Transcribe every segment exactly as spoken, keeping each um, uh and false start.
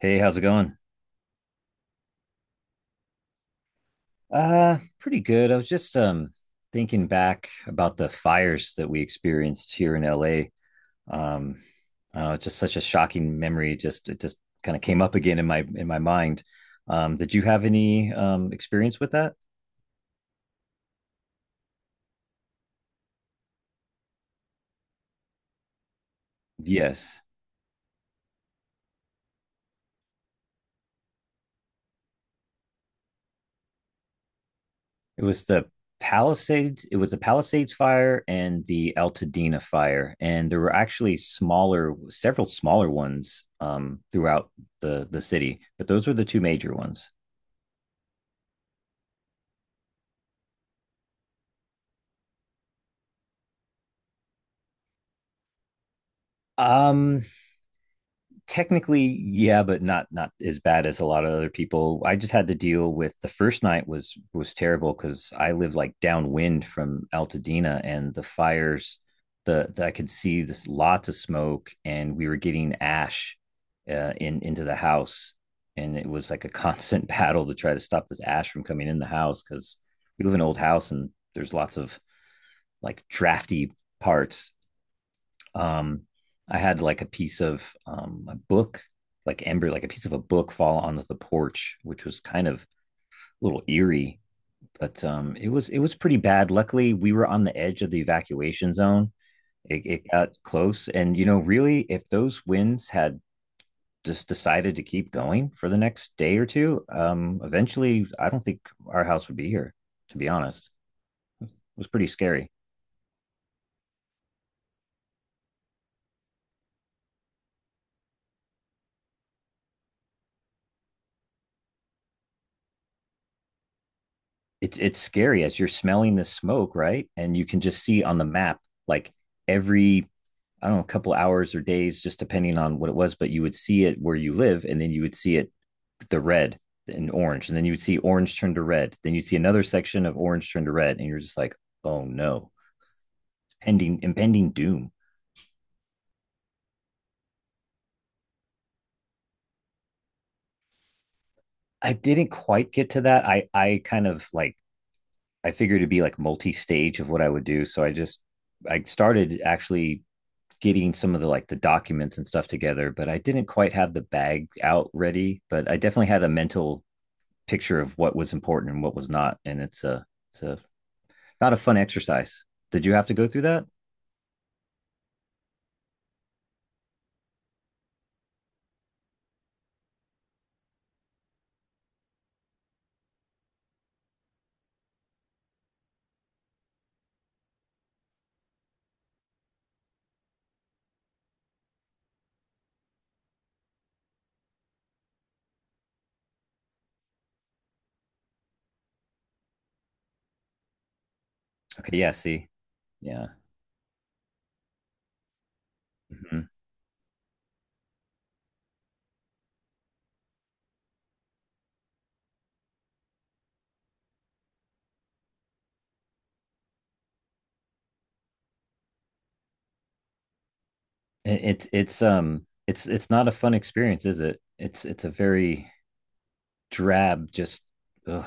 Hey, how's it going? Uh, pretty good. I was just um thinking back about the fires that we experienced here in L A. Um, uh, just such a shocking memory. Just it just kind of came up again in my in my mind. Um, did you have any um experience with that? Yes. It was the Palisades, it was the Palisades fire and the Altadena fire. And there were actually smaller, several smaller ones um throughout the the city, but those were the two major ones. Um, Technically yeah, but not not as bad as a lot of other people. I just had to deal with the first night. was was terrible because I live like downwind from Altadena and the fires the, the I could see this, lots of smoke, and we were getting ash uh, in into the house, and it was like a constant battle to try to stop this ash from coming in the house, because we live in an old house and there's lots of like drafty parts. um, I had like a piece of um, a book, like embryo, like a piece of a book fall onto the porch, which was kind of a little eerie, but um, it was it was pretty bad. Luckily, we were on the edge of the evacuation zone. It, it got close, and you know, really, if those winds had just decided to keep going for the next day or two, um, eventually, I don't think our house would be here. To be honest, it was pretty scary. it's it's scary as you're smelling this smoke, right? And you can just see on the map like every, I don't know, a couple hours or days, just depending on what it was, but you would see it where you live, and then you would see it the red and orange, and then you would see orange turn to red, then you'd see another section of orange turn to red, and you're just like, oh no, it's pending impending doom. I didn't quite get to that. I I kind of like, I figured it'd be like multi-stage of what I would do, so I just I started actually getting some of the like the documents and stuff together, but I didn't quite have the bag out ready. But I definitely had a mental picture of what was important and what was not, and it's a it's a not a fun exercise. Did you have to go through that? Okay, yeah, see. Yeah. Hmm. It, it's it's um it's it's not a fun experience, is it? It's it's a very drab, just ugh,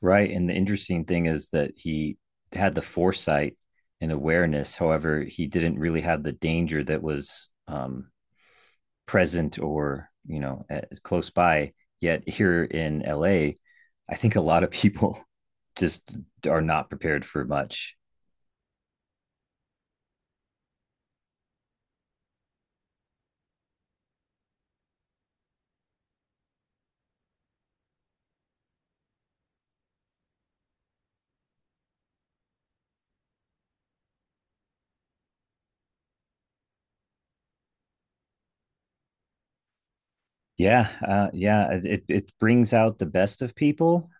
right. And the interesting thing is that he had the foresight and awareness. However, he didn't really have the danger that was, um, present, or you know, at close by. Yet here in L A, I think a lot of people just are not prepared for much. Yeah, uh, yeah, it it it brings out the best of people,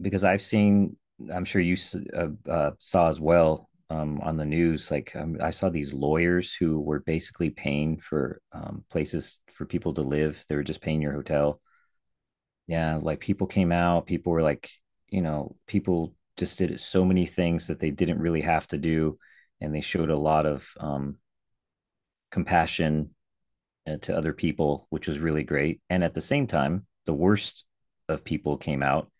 because I've seen, I'm sure you s- uh, uh, saw as well um, on the news. Like um, I saw these lawyers who were basically paying for um, places for people to live. They were just paying your hotel. Yeah, like people came out. People were like, you know, people just did so many things that they didn't really have to do, and they showed a lot of um, compassion uh, to other people, which was really great. And at the same time, the worst of people came out,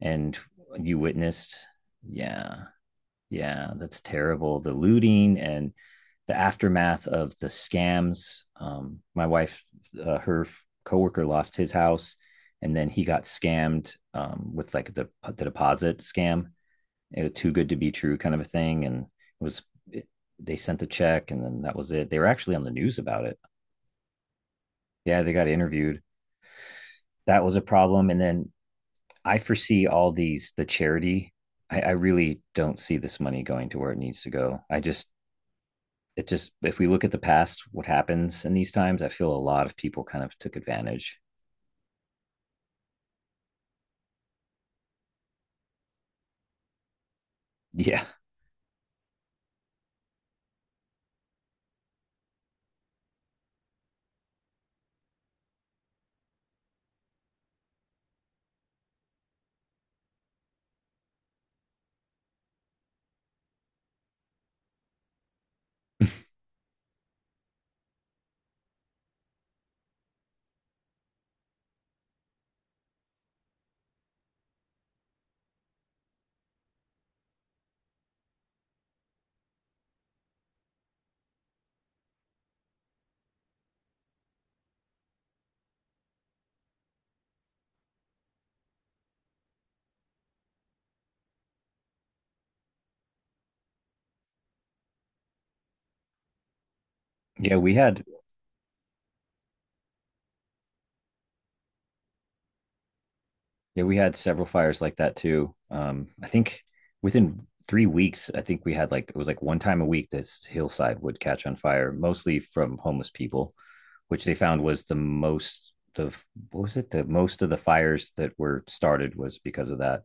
and you witnessed, yeah, yeah, that's terrible. The looting and the aftermath of the scams. Um, my wife, uh, her coworker lost his house, and then he got scammed um, with like the, the deposit scam. It was too good to be true kind of a thing. And it was, it, they sent the check and then that was it. They were actually on the news about it. Yeah, they got interviewed. That was a problem. And then I foresee all these the charity. I, I really don't see this money going to where it needs to go. I just, it just, if we look at the past, what happens in these times, I feel a lot of people kind of took advantage. Yeah. Yeah, we had yeah, we had several fires like that too. Um, I think within three weeks, I think we had like, it was like one time a week this hillside would catch on fire, mostly from homeless people, which they found was the most of, what was it? The most of the fires that were started was because of that.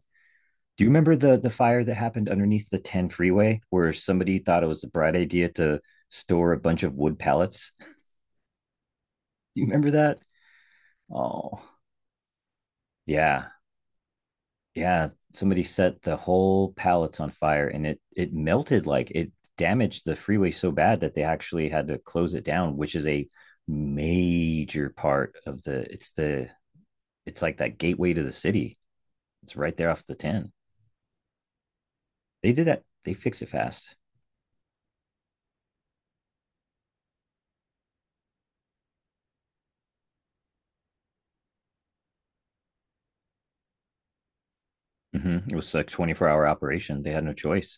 Do you remember the the fire that happened underneath the ten freeway where somebody thought it was a bright idea to store a bunch of wood pallets? Do you remember that? Oh, yeah. Yeah, somebody set the whole pallets on fire, and it it melted, like it damaged the freeway so bad that they actually had to close it down, which is a major part of the it's the it's like that gateway to the city. It's right there off the ten. They did that. They fix it fast. Mm-hmm. It was like twenty-four hour operation. They had no choice.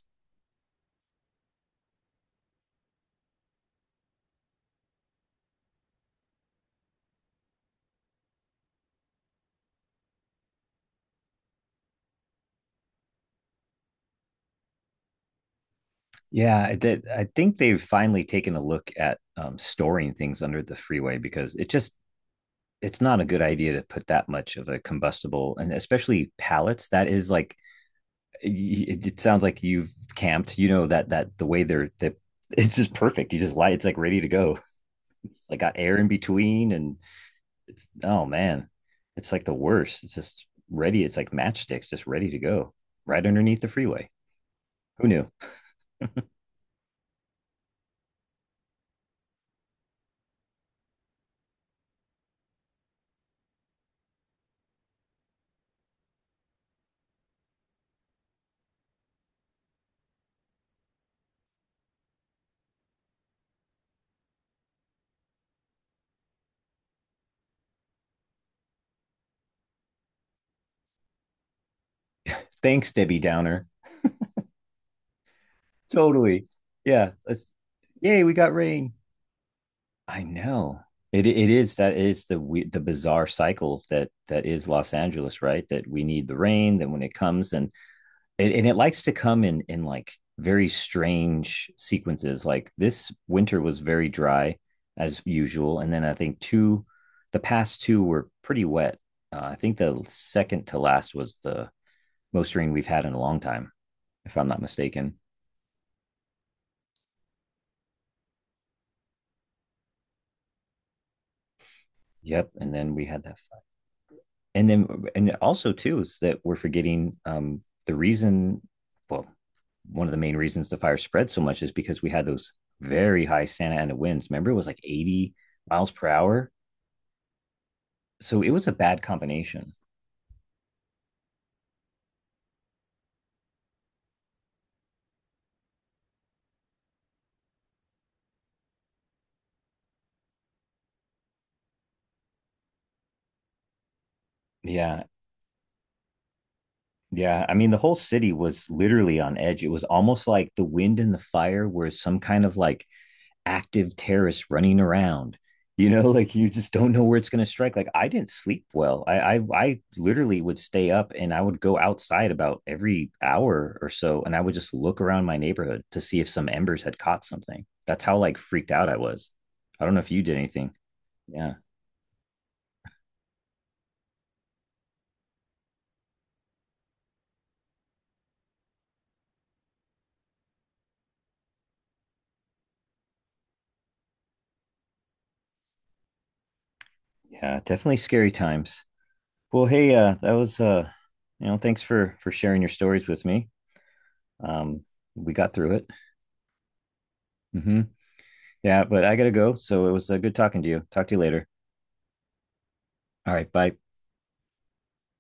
Yeah, I did. I think they've finally taken a look at um, storing things under the freeway, because it just, it's not a good idea to put that much of a combustible, and especially pallets. That is like, it, it sounds like you've camped. You know that, that the way they're that, it's just perfect. You just lie. It's like ready to go. Like got air in between, and it's, oh man, it's like the worst. It's just ready. It's like matchsticks, just ready to go right underneath the freeway. Who knew? Thanks, Debbie Downer. Totally. Yeah. Let's, yay, we got rain. I know. It it is that is the we, The bizarre cycle that that is Los Angeles, right? That we need the rain, then when it comes, then, and, and it likes to come in in like very strange sequences. Like this winter was very dry as usual, and then I think two, the past two were pretty wet. Uh, I think the second to last was the most rain we've had in a long time, if I'm not mistaken. Yep, and then we had that, and then and also too is that we're forgetting um the reason, well, one of the main reasons the fire spread so much is because we had those very high Santa Ana winds. Remember, it was like eighty miles per hour, so it was a bad combination. Yeah, yeah, I mean the whole city was literally on edge. It was almost like the wind and the fire were some kind of like active terrorists running around, you know. Like, you just don't know where it's going to strike. Like, I didn't sleep well. I, I i literally would stay up, and I would go outside about every hour or so, and I would just look around my neighborhood to see if some embers had caught something. That's how like freaked out I was. I don't know if you did anything. Yeah, yeah, definitely scary times. Well, hey, uh that was uh you know, thanks for for sharing your stories with me. um we got through it. Hmm. Yeah, but I gotta go, so it was uh, good talking to you. Talk to you later. All right. Bye.